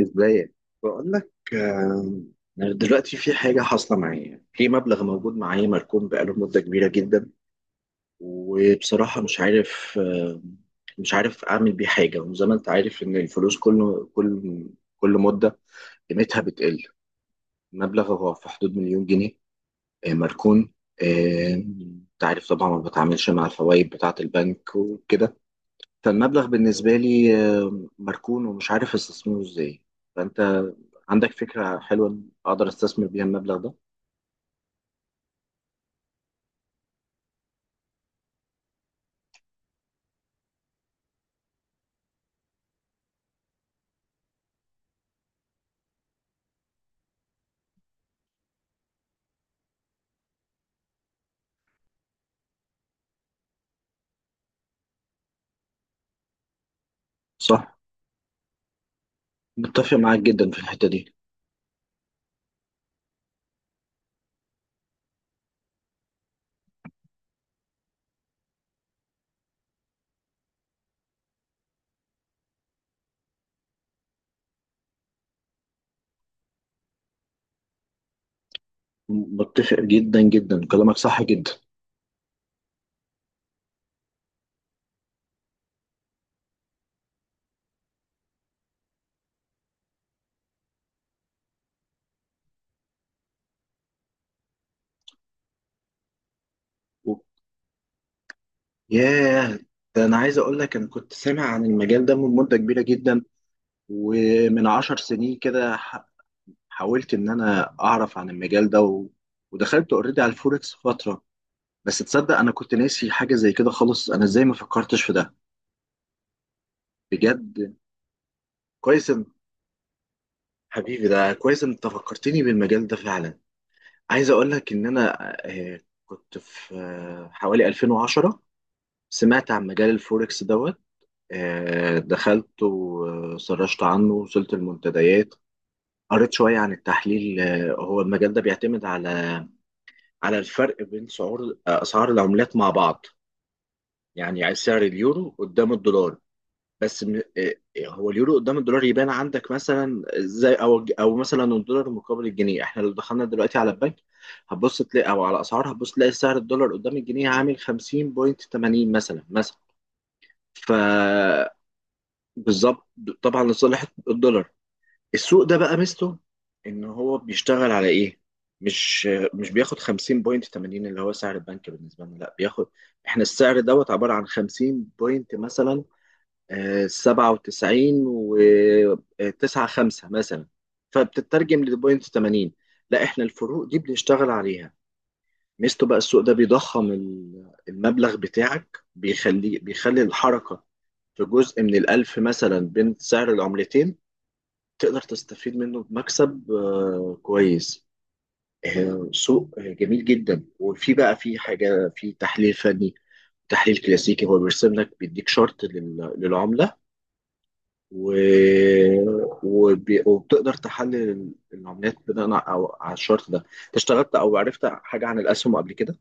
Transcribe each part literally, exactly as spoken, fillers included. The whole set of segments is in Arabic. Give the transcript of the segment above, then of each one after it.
ازاي؟ بقول لك، آه، دلوقتي في حاجة حاصلة معايا في مبلغ موجود معايا مركون بقاله مدة كبيرة جدا. وبصراحة مش عارف آه، مش عارف أعمل بيه حاجة. وزي ما أنت عارف إن الفلوس كل كل كل مدة قيمتها بتقل. المبلغ هو في حدود مليون جنيه، آه، مركون. آه، أنت عارف طبعا ما بتعاملش مع الفوائد بتاعة البنك وكده. فالمبلغ بالنسبة لي آه، مركون، ومش عارف استثمره إزاي. فأنت عندك فكرة حلوة أقدر أستثمر بيها المبلغ ده؟ صح، متفق معاك جدا في الحتة دي، متفق جدا جدا، كلامك صح جدا. و- ياه، ده أنا عايز أقول لك أنا كنت سامع عن المجال ده من مدة كبيرة جدا، ومن عشر سنين كده ح- حاولت إن أنا أعرف عن المجال ده، و... ودخلت أوريدي على الفوركس فترة. بس تصدق أنا كنت ناسي حاجة زي كده خالص؟ أنا إزاي ما فكرتش في ده؟ بجد. كويس إن- حبيبي، ده كويس إن أنت فكرتني بالمجال ده فعلا. عايز اقول لك ان انا آه، كنت في آه، حوالي ألفين وعشرة سمعت عن مجال الفوركس دوت. آه، دخلت وسرشت عنه، وصلت المنتديات، قريت شوية عن التحليل. آه، هو المجال ده بيعتمد على على الفرق بين سعور آه، أسعار العملات مع بعض. يعني سعر اليورو قدام الدولار. بس م- إيه- هو اليورو قدام الدولار يبان عندك مثلا ازاي؟ او او مثلا الدولار مقابل الجنيه. احنا لو دخلنا دلوقتي على البنك هتبص تلاقي، او على اسعار هتبص تلاقي سعر الدولار قدام الجنيه عامل خمسين فاصلة تمانين مثلا، مثلا ف بالظبط. طبعا لصالح الدولار. السوق ده بقى ميزته ان هو بيشتغل على ايه؟ مش مش بياخد خمسين فاصلة تمانين، اللي هو سعر البنك بالنسبه لنا، لا بياخد. احنا السعر دوت عباره عن خمسين بوينت مثلا، آه، سبعة وتسعين وتسعة خمسة مثلا، فبتترجم لبوينت تمانين. لا، احنا الفروق دي بنشتغل عليها. ميزته بقى السوق ده بيضخم ال- المبلغ بتاعك، بيخلي بيخلي الحركة في جزء من الألف مثلا بين سعر العملتين، تقدر تستفيد منه بمكسب آه، كويس. آه، سوق آه، جميل جدا. وفي بقى، في حاجة في تحليل فني، تحليل كلاسيكي، هو بيرسم لك بيديك شرط لل- للعملة، و... وب... وبتقدر تحلل العمليات بناء على على الشرط ده. انت اشتغلت او عرفت حاجه عن الاسهم قبل كده؟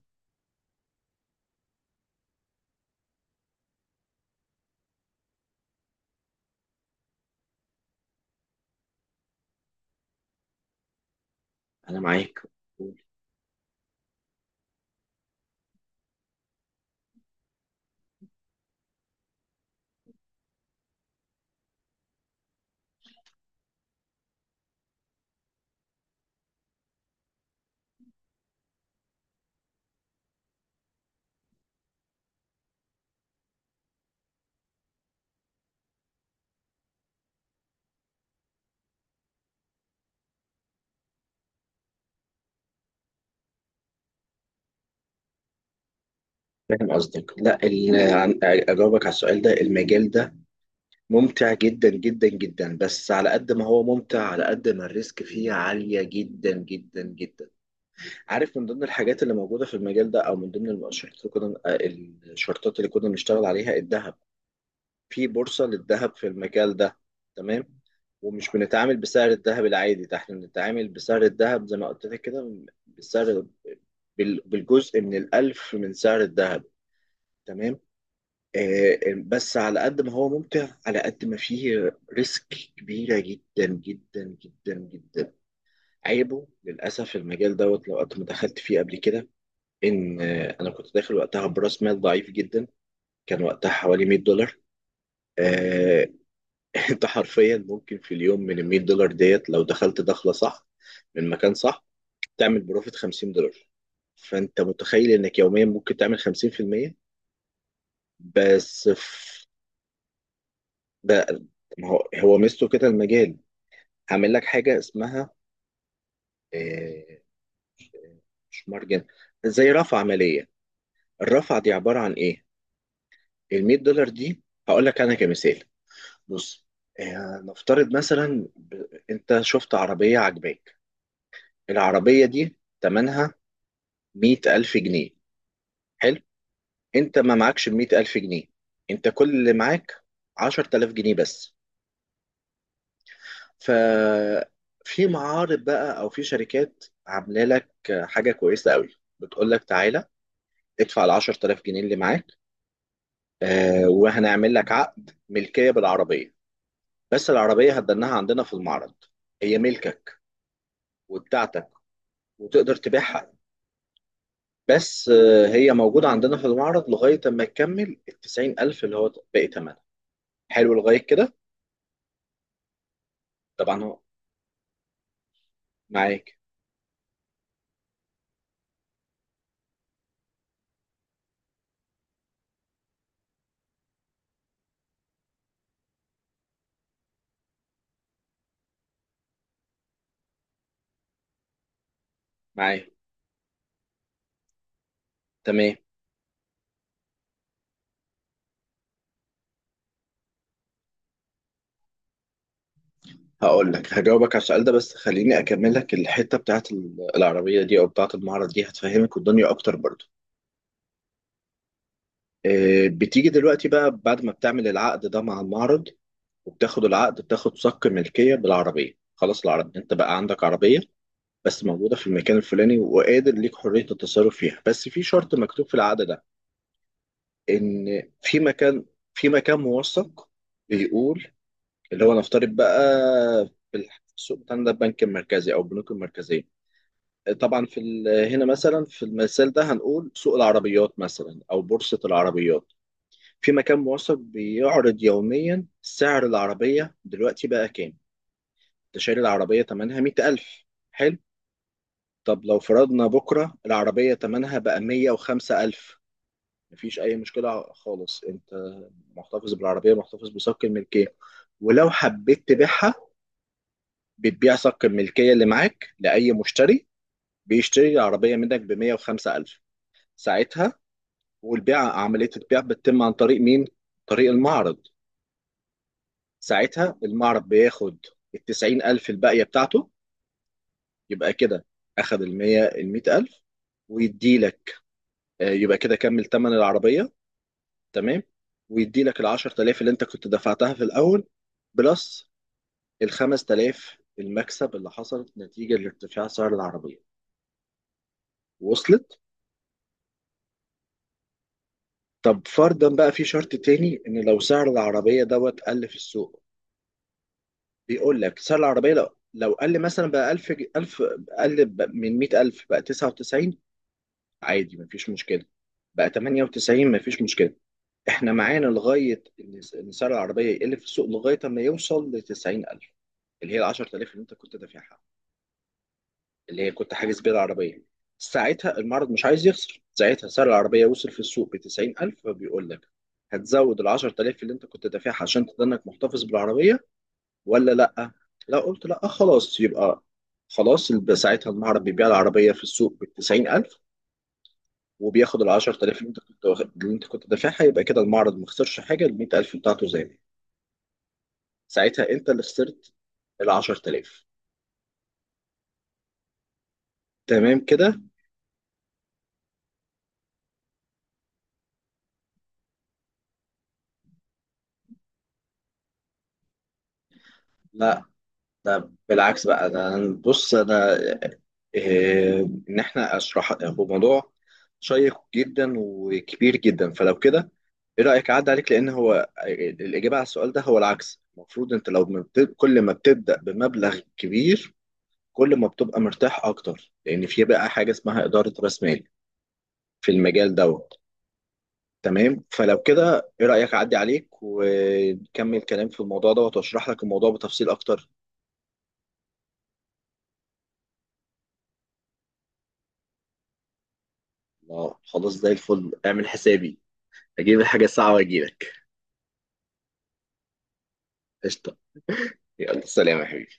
انا معاك. فاهم قصدك. لا، ال... عن- اجاوبك على السؤال ده. المجال ده ممتع جدا جدا جدا، بس على قد ما هو ممتع على قد ما الريسك فيه عاليه جدا جدا جدا. عارف، من ضمن الحاجات اللي موجوده في المجال ده، او من ضمن الشرطات اللي كنا الشرطات اللي كنا بنشتغل عليها الذهب. في بورصة للذهب في المجال ده. تمام. ومش بنتعامل بسعر الذهب العادي ده، احنا بنتعامل بسعر الذهب زي ما قلت لك كده، بسعر بال- بالجزء من الألف من سعر الذهب. تمام. آه، بس على قد ما هو ممتع على قد ما فيه ريسك كبيرة جدا جدا جدا جدا. عيبه للأسف المجال دوت لو قد ما دخلت فيه قبل كده، إن آه، أنا كنت داخل وقتها برأس مال ضعيف جدا. كان وقتها حوالي مية دولار. آه، انت حرفيا ممكن في اليوم من ال مية دولار ديت، لو دخلت دخله صح، من مكان صح، تعمل بروفيت خمسين دولار. فانت متخيل انك يوميا ممكن تعمل خمسين في المية؟ بس في ده، ما هو هو ميزته كده المجال، عامل لك حاجه اسمها آه، مش مارجن، زي رفع عمليه. الرفع دي عباره عن ايه؟ ال ميت دولار دي، هقول لك انا كمثال. بص، آه، نفترض مثلا، ب... انت شفت عربيه عجباك. العربيه دي ثمنها مئة ألف جنيه. حلو. أنت ما معكش مئة ألف جنيه. أنت كل اللي معاك عشرة آلاف جنيه بس. ففي معارض بقى، أو في شركات عاملة لك حاجة كويسة قوي، بتقول لك تعالى ادفع ال عشرة آلاف جنيه اللي معاك، آه وهنعمل لك عقد ملكية بالعربية، بس العربية هتدنها عندنا في المعرض. هي ملكك وبتاعتك، وتقدر تبيعها، بس آه هي موجودة عندنا في المعرض لغاية ما تكمل ال تسعين ألف اللي هو باقي ثمنها. حلو لغاية كده؟ طبعا هو معاك معاك. تمام. هقول لك هجاوبك على السؤال ده، بس خليني اكمل لك الحته بتاعت ال- العربيه دي او بتاعت المعرض دي، هتفهمك الدنيا اكتر برضو. آه، بتيجي دلوقتي بقى بعد ما بتعمل العقد ده مع المعرض، وبتاخد العقد بتاخد صك ملكيه بالعربيه. خلاص العربيه انت بقى عندك عربيه، بس موجوده في المكان الفلاني، وقادر ليك حريه التصرف فيها. بس في شرط مكتوب في العقد ده، ان في مكان في مكان موثق بيقول، اللي هو نفترض بقى، في الح- في السوق بتاعنا ده، البنك المركزي او البنوك المركزيه. طبعا في ال- هنا مثلا في المثال ده هنقول سوق العربيات مثلا او بورصه العربيات، في مكان موثق بيعرض يوميا سعر العربيه دلوقتي بقى كام. انت شاري العربيه ثمنها مية ألف. حلو. طب لو فرضنا بكره العربيه ثمنها بقى مية وخمسة آلاف، مفيش اي مشكله خالص. انت محتفظ بالعربيه، محتفظ بصك الملكيه، ولو حبيت تبيعها بتبيع صك الملكية اللي معاك لأي مشتري بيشتري العربية منك ب مية وخمسة آلاف. ساعتها، والبيع عملية البيع بتتم عن طريق مين؟ طريق المعرض. ساعتها المعرض بياخد ال تسعين ألف الباقية بتاعته. يبقى كده، أخد ال مية ال مية ألف، ويديلك، آه، يبقى كده كمل تمن العربية. تمام. ويديلك ال عشرة آلاف اللي أنت كنت دفعتها في الأول، بلس ال خمسة آلاف المكسب اللي حصل نتيجة لارتفاع سعر العربية. وصلت؟ طب فرضا بقى في شرط تاني، ان لو سعر العربيه دوت قل في السوق، بيقول لك سعر العربيه لو لو قل مثلا بقى ألف، ج- ألف، قل ب- من مية ألف بقى تسعة وتسعين، عادي مفيش مشكله. بقى تمنية وتسعين، مفيش مشكله. احنا معانا لغايه ان س- إن سعر العربيه يقل في السوق لغايه اما يوصل ل تسعين ألف، اللي هي ال عشرت آلاف اللي انت كنت دافعها، اللي هي كنت حاجز بيها العربية. ساعتها المعرض مش عايز يخسر، ساعتها سعر العربية وصل في السوق بتسعين ألف، فبيقول لك هتزود العشر تلاف اللي انت كنت دافعها عشان تضنك محتفظ بالعربية، ولا لأ؟ لا، قلت لأ، خلاص يبقى، خلاص الب- ساعتها المعرض بيبيع العربية في السوق بتسعين ألف، وبياخد العشر تلاف اللي انت كنت واخد- اللي انت كنت دافعها. يبقى كده المعرض ما خسرش حاجة، المية ألف بتاعته زي ما هي. ساعتها انت اللي خسرت العشر تلاف. تمام كده؟ لا، ده بالعكس بقى. ده أنا- بص انا، إيه، ان احنا اشرح، هو موضوع شيق جدا وكبير جدا، فلو كده ايه رايك اعدي عليك؟ لان هو الاجابه على السؤال ده هو العكس. المفروض انت لو ما بت- كل ما بتبدا بمبلغ كبير كل ما بتبقى مرتاح اكتر، لان في بقى حاجه اسمها اداره راس مال في المجال دوت. تمام. فلو كده ايه رايك اعدي عليك ونكمل كلام في الموضوع دوت، واشرح لك الموضوع بتفصيل اكتر. اه خلاص زي الفل، اعمل حسابي اجيب الحاجة الصعبة واجيلك. قشطة. يلا سلام يا حبيبي.